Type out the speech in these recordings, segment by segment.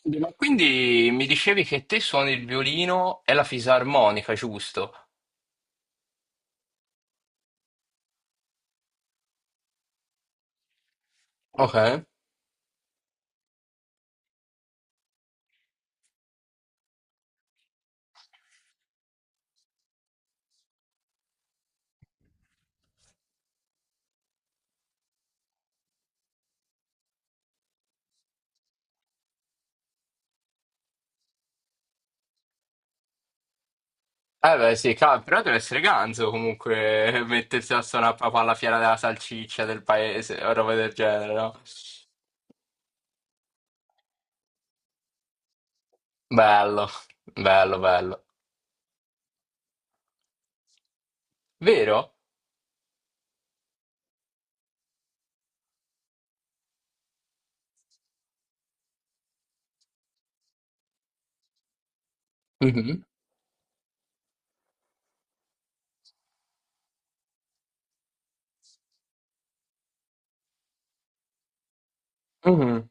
Sì, ma quindi mi dicevi che te suoni il violino e la fisarmonica, giusto? Ok. Eh beh, sì, cavolo, però deve essere ganzo comunque mettersi a suonare proprio alla fiera della salsiccia del paese o roba del genere, no? Bello, bello, bello. Vero? Mhm. Mhm.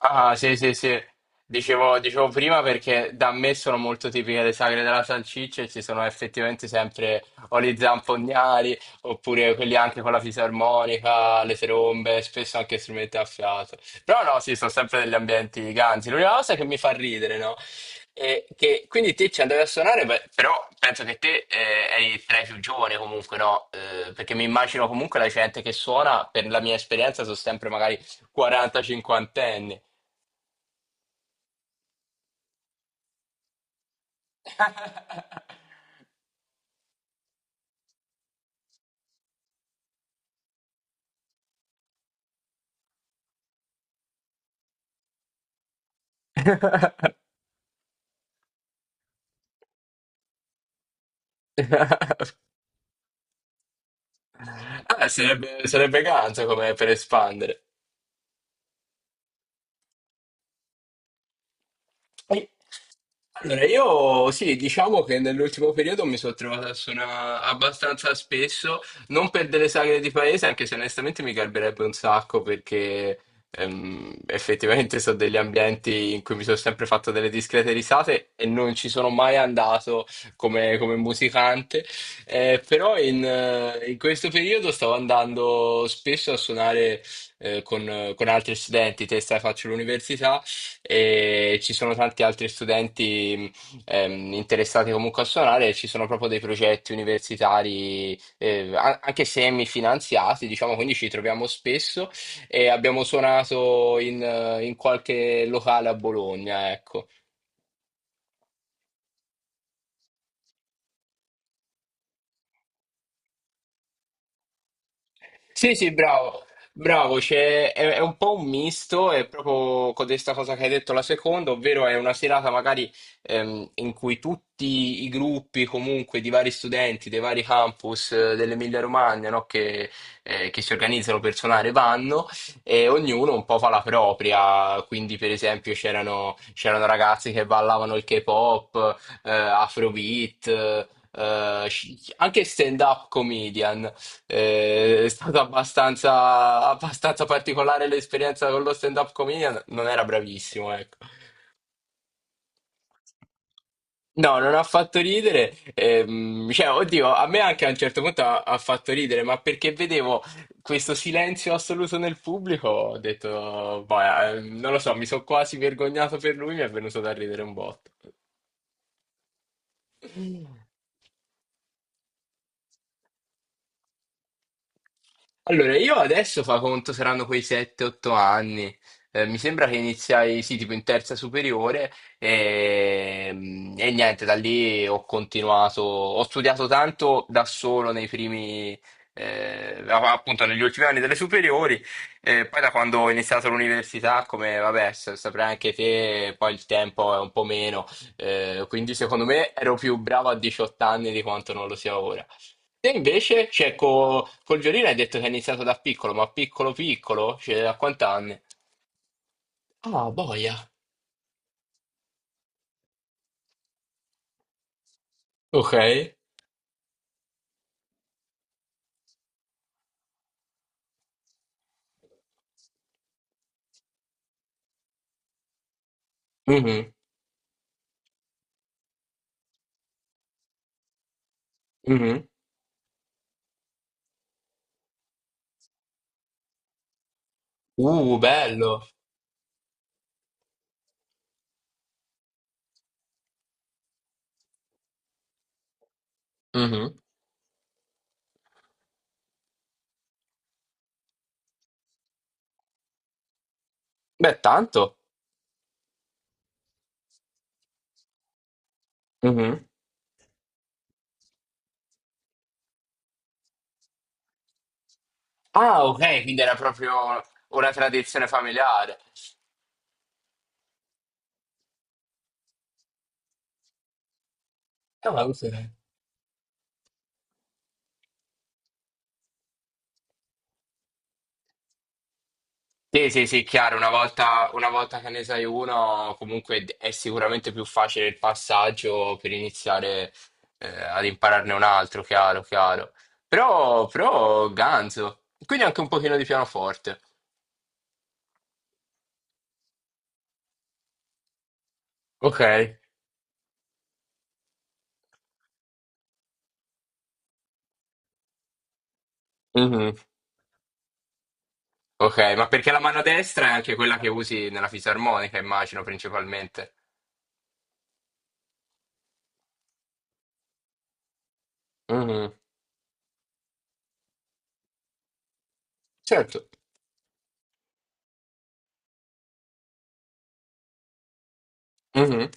Ah, sì, sì, sì. Dicevo prima perché da me sono molto tipiche le sagre della salsiccia e ci sono effettivamente sempre o gli zampognari oppure quelli anche con la fisarmonica, le trombe, spesso anche strumenti a fiato. Però no, sì, sono sempre degli ambienti ganzi. L'unica cosa che mi fa ridere, no? È che quindi te ci andavi a suonare, beh, però penso che te eri tra i più giovani comunque, no? Perché mi immagino comunque la gente che suona, per la mia esperienza, sono sempre magari 40-50 anni. Sarebbe, sarebbe ganza come per espandere. E- Allora, io sì, diciamo che nell'ultimo periodo mi sono trovato a suonare abbastanza spesso, non per delle sagre di paese, anche se onestamente mi garberebbe un sacco perché effettivamente sono degli ambienti in cui mi sono sempre fatto delle discrete risate e non ci sono mai andato come, come musicante. Però in questo periodo stavo andando spesso a suonare con altri studenti, testa faccio l'università e ci sono tanti altri studenti interessati comunque a suonare, e ci sono proprio dei progetti universitari, anche semifinanziati, diciamo, quindi ci troviamo spesso e abbiamo suonato in qualche locale a Bologna, ecco. Sì, sì, bravo, bravo, è un po' un misto, è proprio con questa cosa che hai detto la seconda, ovvero è una serata magari in cui tutti i gruppi comunque di vari studenti, dei vari campus dell'Emilia Romagna, no, che si organizzano per suonare vanno e ognuno un po' fa la propria, quindi per esempio c'erano ragazzi che ballavano il K-pop, Afrobeat, eh, anche stand-up comedian. È stata abbastanza particolare l'esperienza con lo stand-up comedian, non era bravissimo, ecco. No, non ha fatto ridere, cioè, oddio, a me anche a un certo punto ha fatto ridere, ma perché vedevo questo silenzio assoluto nel pubblico, ho detto, boh, non lo so, mi sono quasi vergognato per lui, mi è venuto da ridere un botto. Allora, io adesso fa conto saranno quei 7-8 anni. Mi sembra che iniziai, sì, tipo in terza superiore e, e niente, da lì ho continuato, ho studiato tanto da solo nei primi, appunto negli ultimi anni delle superiori, e poi da quando ho iniziato l'università, come vabbè, saprai anche te, poi il tempo è un po' meno, quindi secondo me ero più bravo a 18 anni di quanto non lo sia ora. Te invece, cioè, col violino hai detto che hai iniziato da piccolo, ma piccolo piccolo? Cioè, a quant'anni? Ah, boia. Ok. Mhm, mhm. Bello. Mhm. Beh, tanto. Mhm. Ah, ok, quindi era proprio una tradizione familiare. Ah, ma cos'è? Sì, sì, sì, chiaro, una volta che ne sai uno, comunque è sicuramente più facile il passaggio per iniziare ad impararne un altro, chiaro, chiaro. Però, però, ganzo. Quindi anche un pochino di pianoforte. Ok. Mhm. Ok, ma perché la mano destra è anche quella che usi nella fisarmonica, immagino, principalmente. Mhm. Certo. Mhm.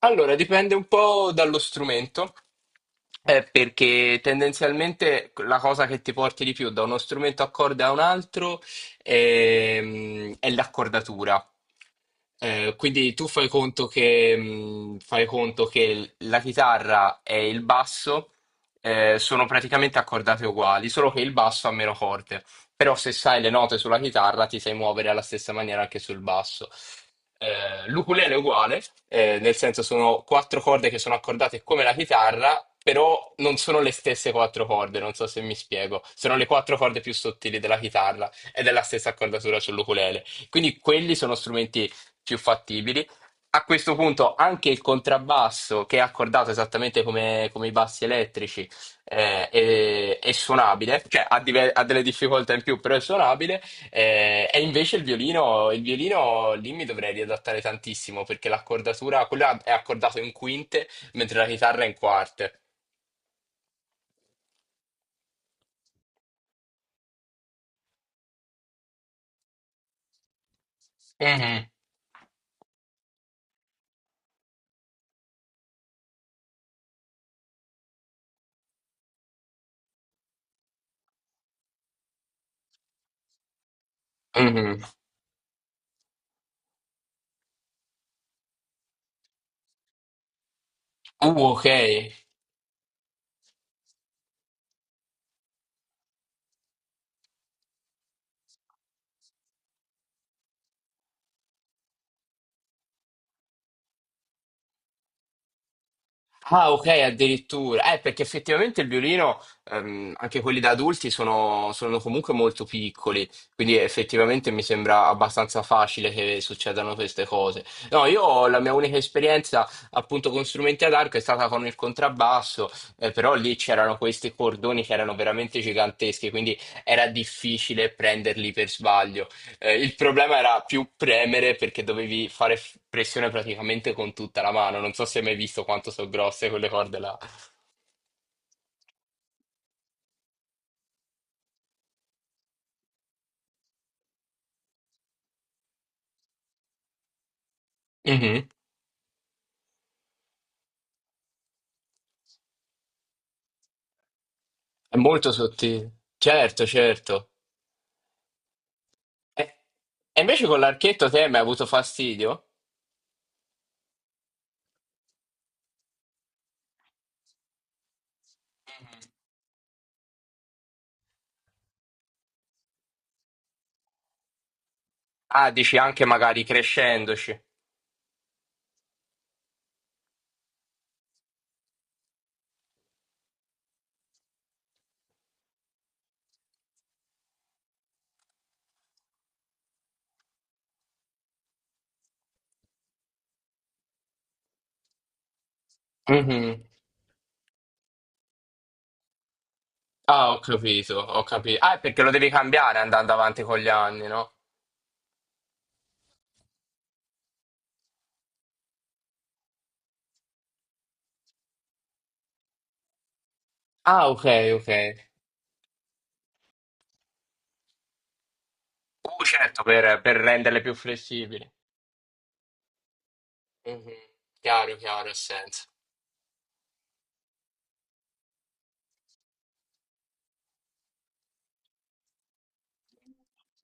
Allora, dipende un po' dallo strumento, perché tendenzialmente la cosa che ti porti di più da uno strumento a corde a un altro è l'accordatura. Quindi tu fai conto che la chitarra e il basso sono praticamente accordate uguali, solo che il basso ha meno corde però se sai le note sulla chitarra ti sai muovere alla stessa maniera anche sul basso. L'ukulele è uguale, nel senso sono quattro corde che sono accordate come la chitarra, però non sono le stesse quattro corde, non so se mi spiego, sono le quattro corde più sottili della chitarra ed è la stessa accordatura sull'ukulele. Quindi quelli sono strumenti più fattibili. A questo punto anche il contrabbasso, che è accordato esattamente come, come i bassi elettrici, è suonabile, cioè ha delle difficoltà in più, però è suonabile. Eh, e invece il violino lì mi dovrei riadattare tantissimo perché l'accordatura, quella è accordato in quinte, mentre la chitarra è in quarte. Mhm. Mhm. Ok, ah, ok, addirittura. Perché effettivamente il violino, anche quelli da adulti, sono, sono comunque molto piccoli, quindi effettivamente mi sembra abbastanza facile che succedano queste cose. No, io la mia unica esperienza appunto con strumenti ad arco è stata con il contrabbasso, però lì c'erano questi cordoni che erano veramente giganteschi, quindi era difficile prenderli per sbaglio. Il problema era più premere perché dovevi fare pressione praticamente con tutta la mano. Non so se hai mai visto quanto sono grosse quelle corde là. Mhm. È molto sottile. Certo, certo. E, e invece con l'archetto te mi hai avuto fastidio? Ah, dici anche magari crescendoci. Mhm. Ah, ho capito, ho capito. Ah, è perché lo devi cambiare andando avanti con gli anni, no? Ah, ok, ok. Certo, per renderle più flessibili. Mhm. Chiaro, chiaro, ha senso.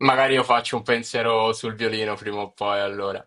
Magari io faccio un pensiero sul violino prima o poi, allora.